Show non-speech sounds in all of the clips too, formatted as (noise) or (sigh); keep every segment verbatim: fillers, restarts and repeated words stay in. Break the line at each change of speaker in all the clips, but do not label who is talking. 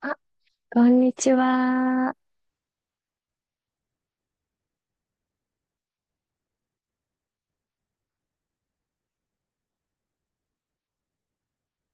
あ、こんにちは。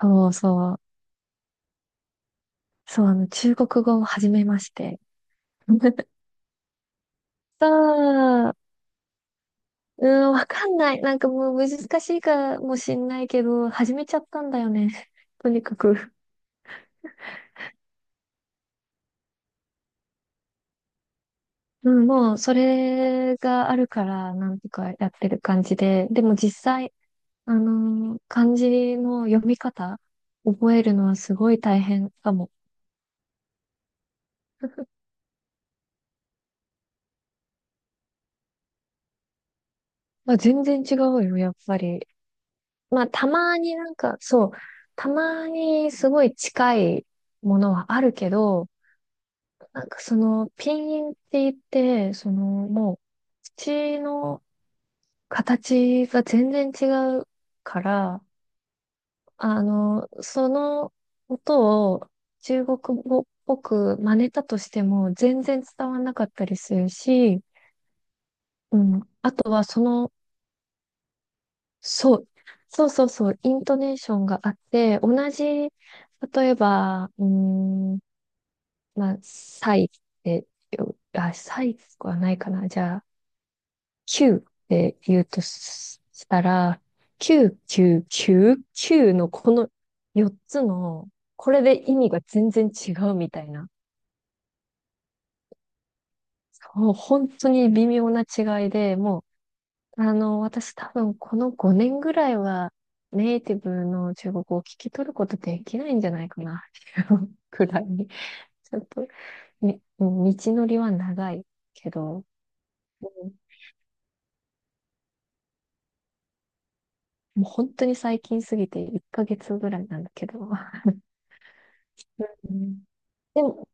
そうそう。そう、あの、中国語を始めまして。(laughs) そう、うん、わかんない。なんかもう難しいかもしんないけど、始めちゃったんだよね。(laughs) とにかく。うん、もう、それがあるから、なんとかやってる感じで。でも実際、あのー漢字の読み方、覚えるのはすごい大変かも。まあ、全然違うよ、やっぱり。まあ、たまになんか、そう、たまにすごい近いものはあるけど、なんかその、ピンインって言って、その、もう、土の形が全然違うから、あの、その音を中国語っぽく真似たとしても全然伝わんなかったりするし、うん。あとはそのそう、そうそうそう、イントネーションがあって、同じ、例えば、うーん、まあ、サイってよ、あ、サイはないかな。じゃあ、キューって言うとししたら、キキキュュューーーキューのこのよっつの、これで意味が全然違うみたいな。そう、本当に微妙な違いで、もうあの、私多分このごねんぐらいはネイティブの中国語を聞き取ることできないんじゃないかなっていう (laughs) くらいに。ちょっと、ね、うん道のりは長いけど、うんもう本当に最近すぎていっかげつぐらいなんだけど。うんでも、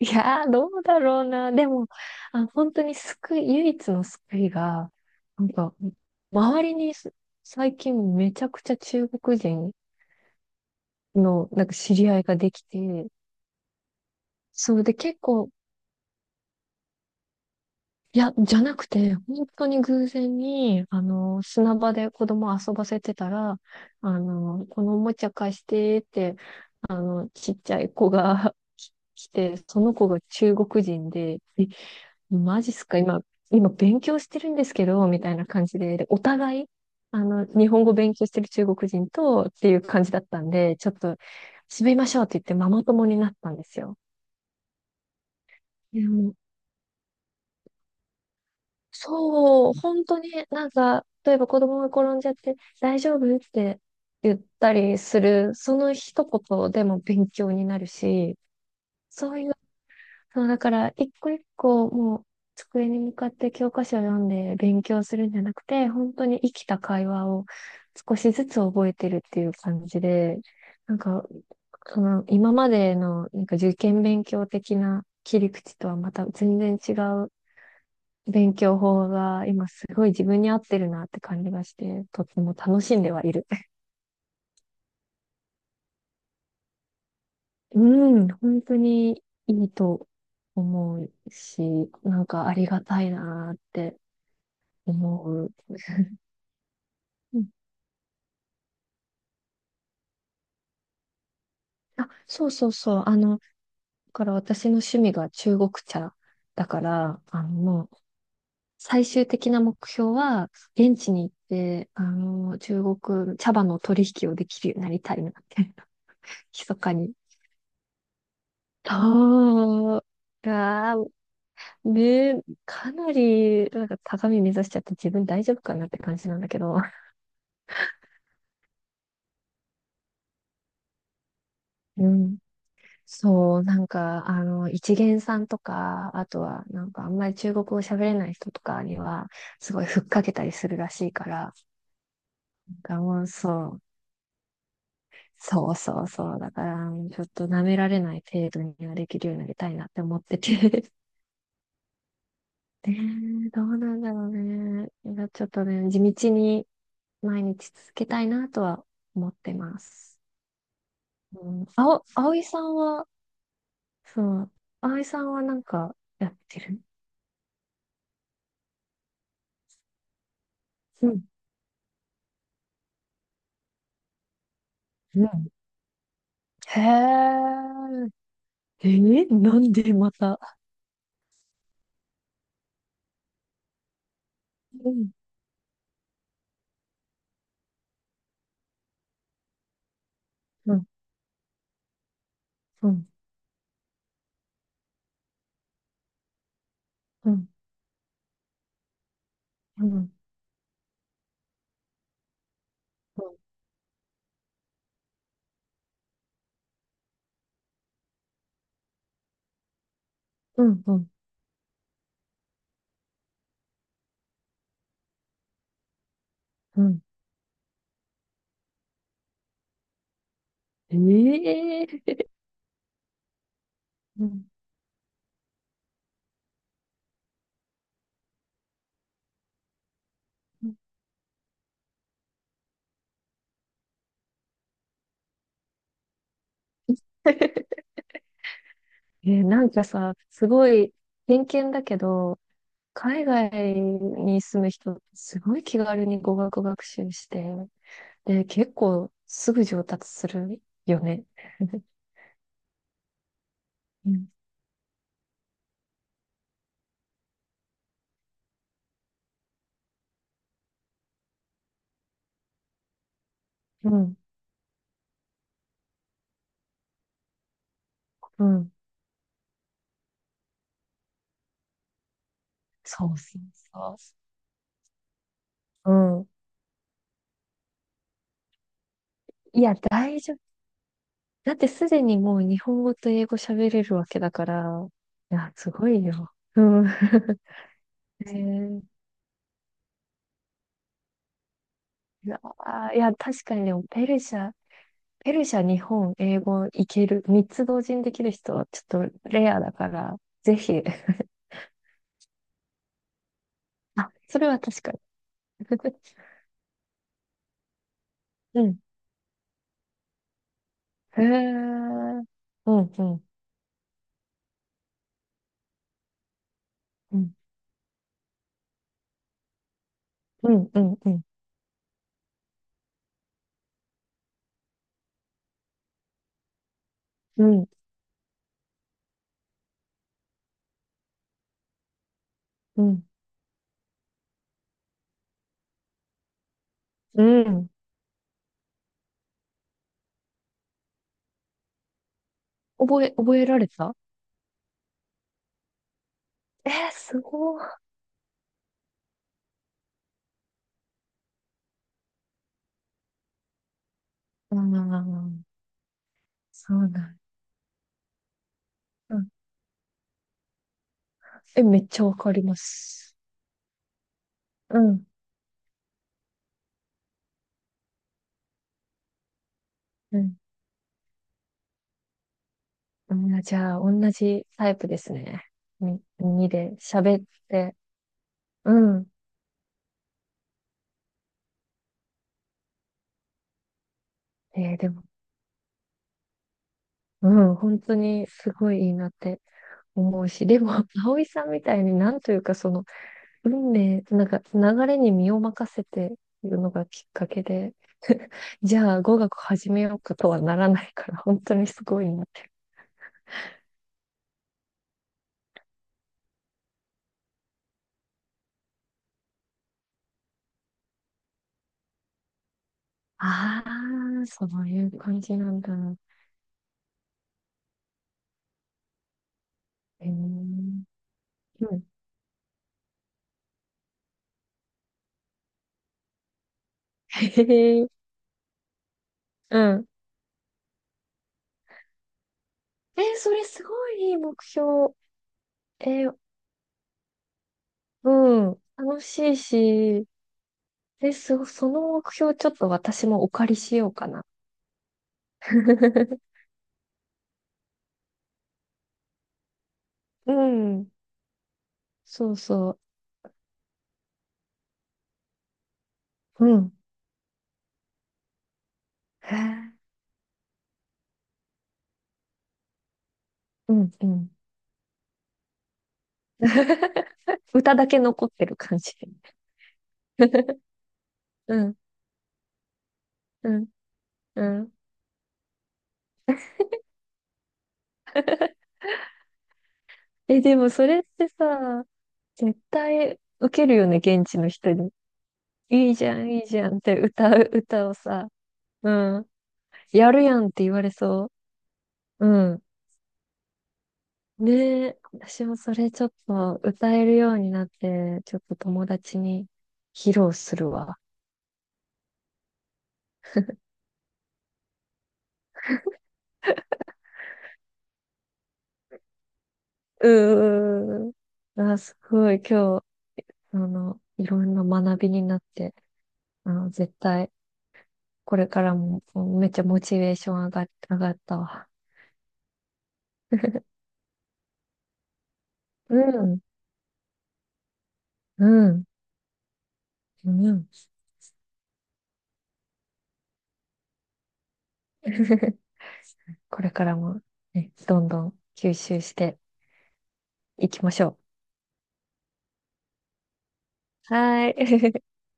いやー、どうだろうな。でも、あ、本当に救い、唯一の救いが、なんか、周りにす最近めちゃくちゃ中国人のなんか知り合いができて、そうで結構、いや、じゃなくて、本当に偶然に、あの、砂場で子供遊ばせてたら、あの、このおもちゃ貸してって、あの、ちっちゃい子が (laughs) き来て、その子が中国人で、え、マジっすか、今、今勉強してるんですけど、みたいな感じで、でお互い、あの、日本語勉強してる中国人とっていう感じだったんで、ちょっと、締めましょうって言ってママ友になったんですよ。そう、本当になんか、例えば子供が転んじゃって、大丈夫って言ったりする、その一言でも勉強になるし、そういう、そう、だから、一個一個もう机に向かって教科書を読んで勉強するんじゃなくて、本当に生きた会話を少しずつ覚えてるっていう感じで、なんか、その今までのなんか受験勉強的な切り口とはまた全然違う勉強法が今すごい自分に合ってるなって感じがして、とっても楽しんではいる。うん、本当にいいと思うし、なんかありがたいなって思う。うんあ、そうそうそう。あの、だから私の趣味が中国茶だから、あの、もう最終的な目標は、現地に行って、あの、中国茶葉の取引をできるようになりたいなって、(laughs) 密かに。そう。うわーねえ、かなり、なんか高み目指しちゃって自分大丈夫かなって感じなんだけど。うん。そう、なんか、あの、一元さんとか、あとは、なんかあんまり中国語喋れない人とかには、すごいふっかけたりするらしいから、なんかもうそう、そうそうそう、だから、ちょっと舐められない程度にはできるようになりたいなって思ってて。(laughs) ねえ、どうなんだろうね。いやちょっとね、地道に毎日続けたいなとは思ってます。うん、あお、葵さんは、そう、葵さんはなんかやってるうん、うん。へえ、えー、なんでまた。うん、うん、うん、うん、うん、うん、うん、うん。ええー、うん。うんえー、なんかさ、すごい偏見だけど、海外に住む人、すごい気軽に語学学習して、で、結構すぐ上達するよね。(laughs) うん、うんうん。そうそうそう。うん。いや、大丈夫。だってすでにもう日本語と英語喋れるわけだから。いや、すごいよ。うん。(laughs) ねえーいやー、いや、確かにでも、ペルシャ、ペルシャ、日本、英語いける。三つ同時にできる人はちょっとレアだから、ぜひ。(laughs) あ、それは確かに。(laughs) うん。へえ。うん、うん、うん、うん、うん、うん、うん、うん。うん覚え、覚えられたえー、すごい。ああ、そうなん。うん。え、めっちゃわかります。うん。うん。あーじゃあ、同じタイプですね。み、にで喋って。うん。えーでも、うん、本当にすごいいいなって思うし、でも、(laughs) 葵さんみたいになんというか、その、運命、なんか流れに身を任せているのがきっかけで、じゃあ語学始めようかとはならないから、本当にすごいなって。ああ、そういう感じなんだ。えー、うん。(laughs) へへうん。えー、それすごいいい目標。えー、うん。楽しいし、えそ、その目標ちょっと私もお借りしようかな。(laughs) うん。そうそう。うん。へえ、うん、うん。(laughs) 歌だけ残ってる感じ。(laughs) うん、うん、うん。え、でもそれってさ、絶対受けるよね、現地の人に。いいじゃん、いいじゃんって歌う、歌をさ。うん。やるやんって言われそう。うん。ねえ、私もそれちょっと歌えるようになって、ちょっと友達に披露するわ。うーん。あ、すごい、今日、あの、いろんな学びになって、あの、絶対、これからも、もうめっちゃモチベーション上が、上がったわ。うん、うん、うん。(laughs) これからも、ね、どんどん吸収していきましょう。はーい。